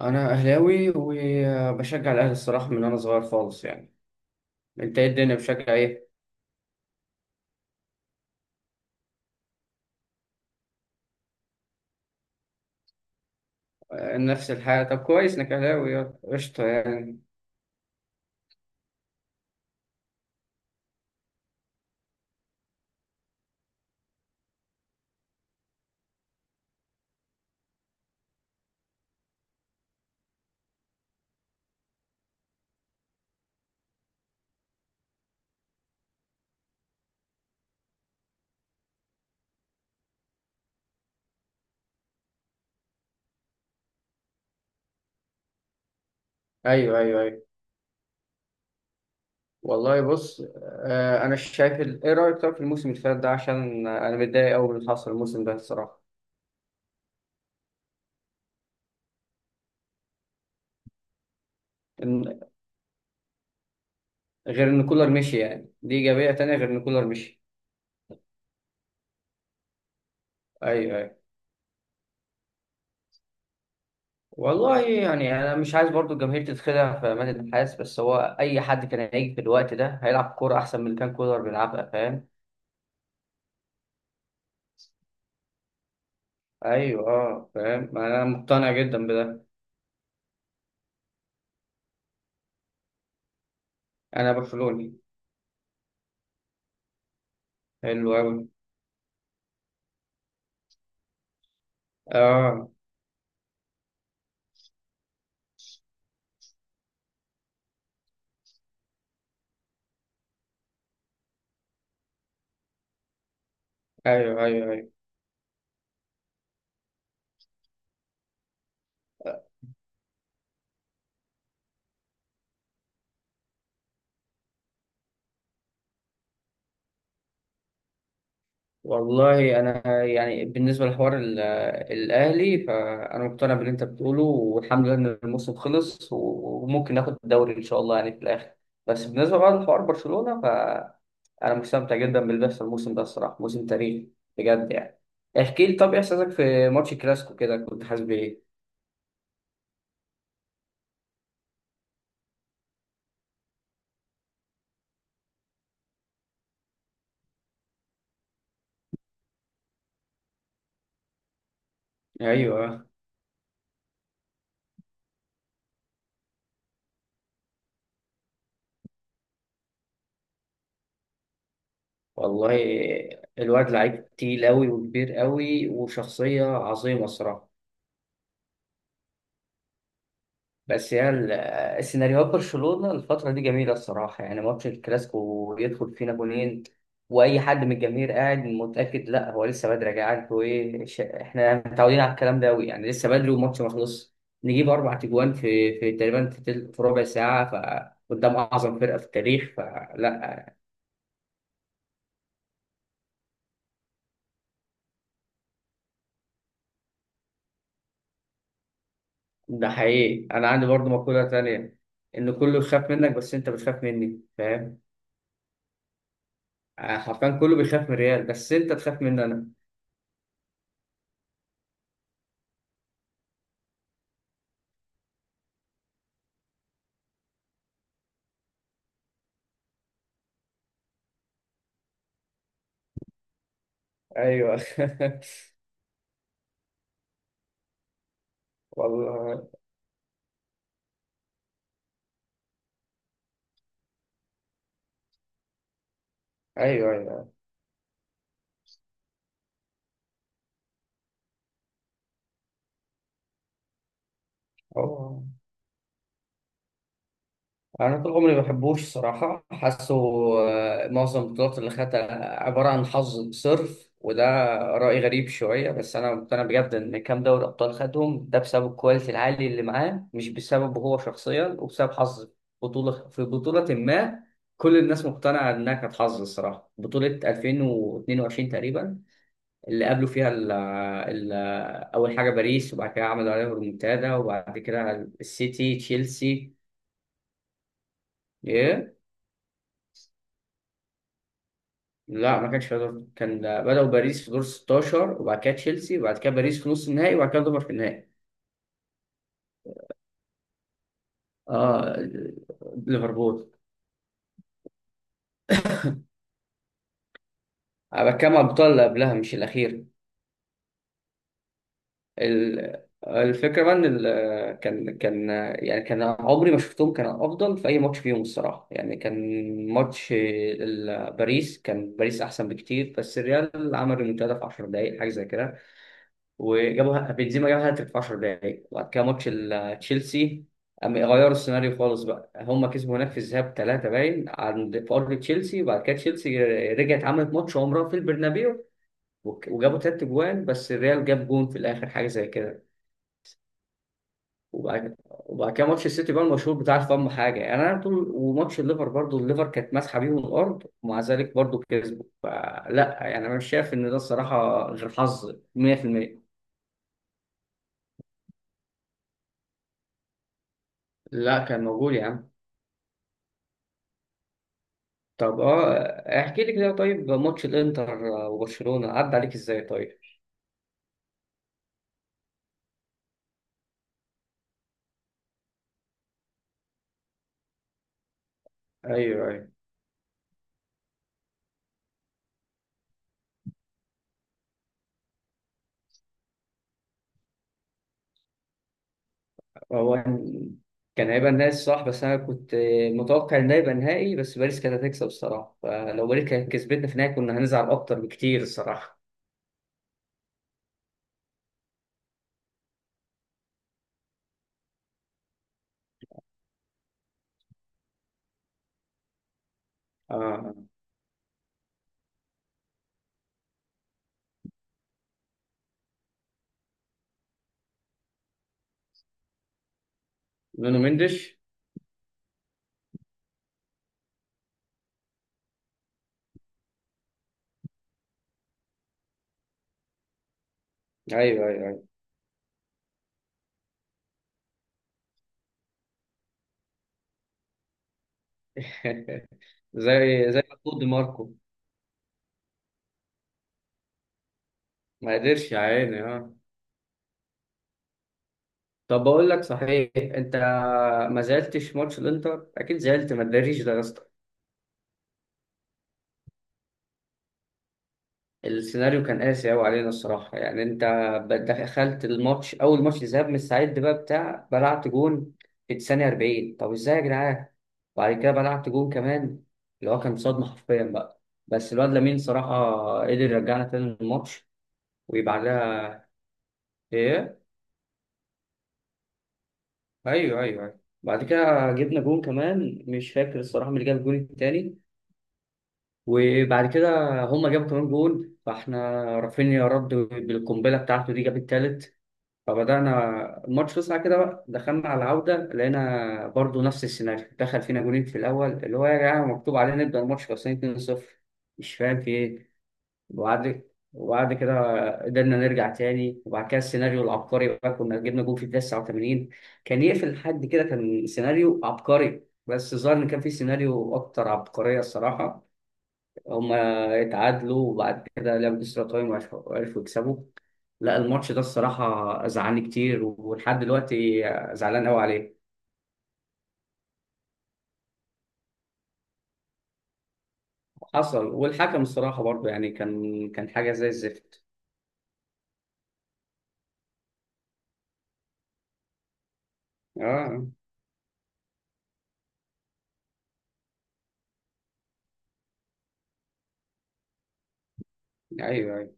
انا اهلاوي وبشجع الاهلي الصراحه من وانا صغير خالص يعني. انت ايه الدنيا بتشجع ايه؟ نفس الحاجه، طب كويس انك اهلاوي قشطه يعني. ايوه ايوه ايوه. والله بص، انا شايف ايه رايك طب في الموسم اللي فات ده؟ عشان انا متضايق قوي من اللي حصل الموسم ده الصراحه. إن غير ان كولر مشي، يعني دي ايجابيه تانية غير ان كولر مشي. ايوه ايوه. والله يعني انا مش عايز برضو الجماهير تتخدع في امان النحاس، بس هو اي حد كان هيجي في الوقت ده هيلعب كوره احسن من اللي كان كولر بيلعبها، فاهم؟ ايوه اه فاهم، ما انا مقتنع جدا بده. انا برشلوني. حلو قوي. اه ايوه ايوه ايوه. والله انا يعني بالنسبه لحوار الاهلي، فانا مقتنع باللي انت بتقوله، والحمد لله ان الموسم خلص وممكن ناخد الدوري ان شاء الله يعني في الاخر. بس بالنسبه بقى لحوار برشلونه، فانا مستمتع جدا باللي بيحصل الموسم ده الصراحه، موسم تاريخي بجد يعني. احكي لي طب، إيه احساسك في ماتش الكلاسيكو كده؟ كنت حاسس بايه؟ ايوه. والله الواد لعيب تقيل أوي وكبير أوي وشخصية عظيمة الصراحة. بس هي السيناريوهات برشلونة الفترة دي جميلة الصراحة يعني. ماتش الكلاسيكو يدخل فينا جونين، وأي حد من الجماهير قاعد متأكد لا، هو لسه بدري يا جدعان، انتوا إيه؟ إحنا متعودين على الكلام ده أوي يعني. لسه بدري والماتش ما خلصش. نجيب أربع أجوان في تقريبا في في ربع ساعة فقدام أعظم فرقة في التاريخ؟ فلا. ده حقيقي، انا عندي برضو مقولة تانية: ان كله يخاف منك، بس انت بتخاف مني، فاهم؟ حرفيا كله بيخاف من ريال، بس انت تخاف مني انا. ايوه والله ايوه ايوه. أوه. انا طول عمري ما بحبوش صراحه، حاسه معظم البطولات اللي خدتها عباره عن حظ صرف. وده راي غريب شويه بس انا مقتنع بجد ان كام دوري ابطال خدهم ده بسبب الكواليتي العالي اللي معاه، مش بسببه هو شخصيا، وبسبب حظ بطوله في بطوله. ما كل الناس مقتنعه انها كانت حظ الصراحه. بطوله 2022 تقريبا، اللي قابلوا فيها ال اول حاجه باريس، وبعد كده عملوا عليهم ريمونتادا، وبعد كده السيتي، تشيلسي. yeah. لا ما كانش في دور، كان بدأوا باريس في دور 16، وبعد كده تشيلسي، وبعد كده باريس في نص النهائي، وبعد كده ليفر في النهائي. اه. ليفربول. انا بتكلم على البطولة اللي قبلها مش الأخير. الفكرة بقى ان كان يعني كان عمري ما شفتهم كان افضل في اي ماتش فيهم الصراحة. يعني كان ماتش باريس، كان باريس احسن بكتير، بس الريال عمل ريمونتادا في 10 دقايق حاجة زي كده، وجابها بنزيما، جاب هاتريك في 10 دقايق. وبعد كده ماتش تشيلسي، قام غيروا السيناريو خالص بقى. هم كسبوا هناك في الذهاب ثلاثة باين عند في أرض تشيلسي، وبعد كده تشيلسي رجعت عملت ماتش عمرها في البرنابيو، وجابوا تلات أجوان، بس الريال جاب جون في الآخر حاجة زي كده. وبعد كده ماتش السيتي بقى المشهور بتاع فم حاجة يعني. أنا طول وماتش الليفر برضو، الليفر كانت ماسحة بيهم الأرض ومع ذلك برضو كسبوا، فلا يعني أنا مش شايف إن ده الصراحة غير حظ 100%. لا كان موجود يا عم. طب اه احكي لي كده طيب، ماتش الانتر وبرشلونة عدى عليك ازاي طيب؟ ايوه ايوه. هو كان هيبقى نهائي صح، بس انا كنت متوقع ان ده يبقى نهائي، بس باريس كانت هتكسب الصراحة، فلو باريس كانت كسبتنا في النهائي كنا هنزعل اكتر بكتير الصراحة. اه نونو مندش. ايوه ايوه ايوه زي ما تقول دي ماركو. ما قدرش يا عيني اه. طب بقول لك صحيح، انت ما زعلتش ماتش الانتر؟ اكيد زعلت، ما تداريش ده يا اسطى. السيناريو كان قاسي أوي علينا الصراحة يعني. أنت دخلت الماتش، أول ماتش ذهاب، مستعد بقى بتاع، بلعت جون في الثانية 40، طب إزاي يا جدعان؟ وبعد كده بلعت جون كمان، اللي هو كان صدمة حرفيا بقى. بس الواد لامين صراحة قدر يرجعنا تاني الماتش ويبعدها. إيه؟ أيوه أيوه أيوه، بعد كده جبنا جون كمان، مش فاكر الصراحة مين اللي جاب الجون التاني. وبعد كده هما جابوا كمان جون، فاحنا رافينيا رد بالقنبلة بتاعته دي، جاب التالت. فبدأنا الماتش وسع كده بقى. دخلنا على العودة لقينا برضو نفس السيناريو، دخل فينا جولين في الأول. اللي هو يا جماعة مكتوب علينا نبدأ الماتش خلصانين 2-0، مش فاهم في إيه. وبعد وبعد كده قدرنا نرجع تاني، وبعد كده السيناريو العبقري بقى، كنا جبنا جول في الدقيقة 89، كان يقفل لحد كده، كان سيناريو عبقري. بس الظاهر إن كان في سيناريو أكتر عبقرية الصراحة. هما اتعادلوا وبعد كده لعبوا اكسترا تايم، عرفوا يكسبوا. لا الماتش ده الصراحة زعلني كتير ولحد دلوقتي زعلان قوي عليه. حصل. والحكم الصراحة برضه يعني كان كان حاجة زي الزفت. اه ايوه ايوه.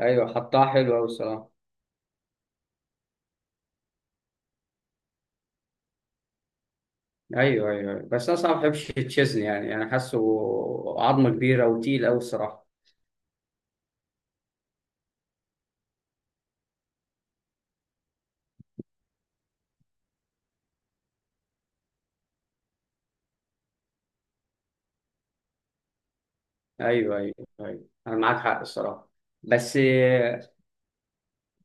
ايوه حطها حلوة قوي الصراحة. ايوه ايوه أيوة. بس انا صراحة ما بحبش تشيزني يعني، انا حاسه عظمة كبيرة وتقيل قوي الصراحة. ايوه ايوه ايوه انا معاك حق الصراحة. بس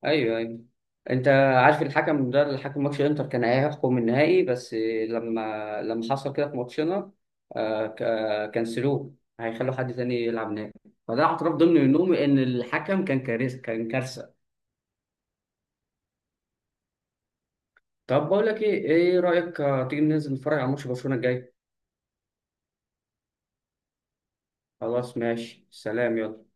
ايوه ايوه. انت عارف الحكم ده اللي حكم ماتش انتر كان هيحكم النهائي، بس لما لما حصل كده في ماتشنا، كنسلوه، هيخلوا حد تاني يلعب نهائي. فده اعتراف ضمن منهم ان الحكم كان كارثه، كان كارثه. طب بقول لك ايه، ايه رايك تيجي ننزل نتفرج على ماتش برشلونه الجاي؟ خلاص ماشي، سلام، يلا.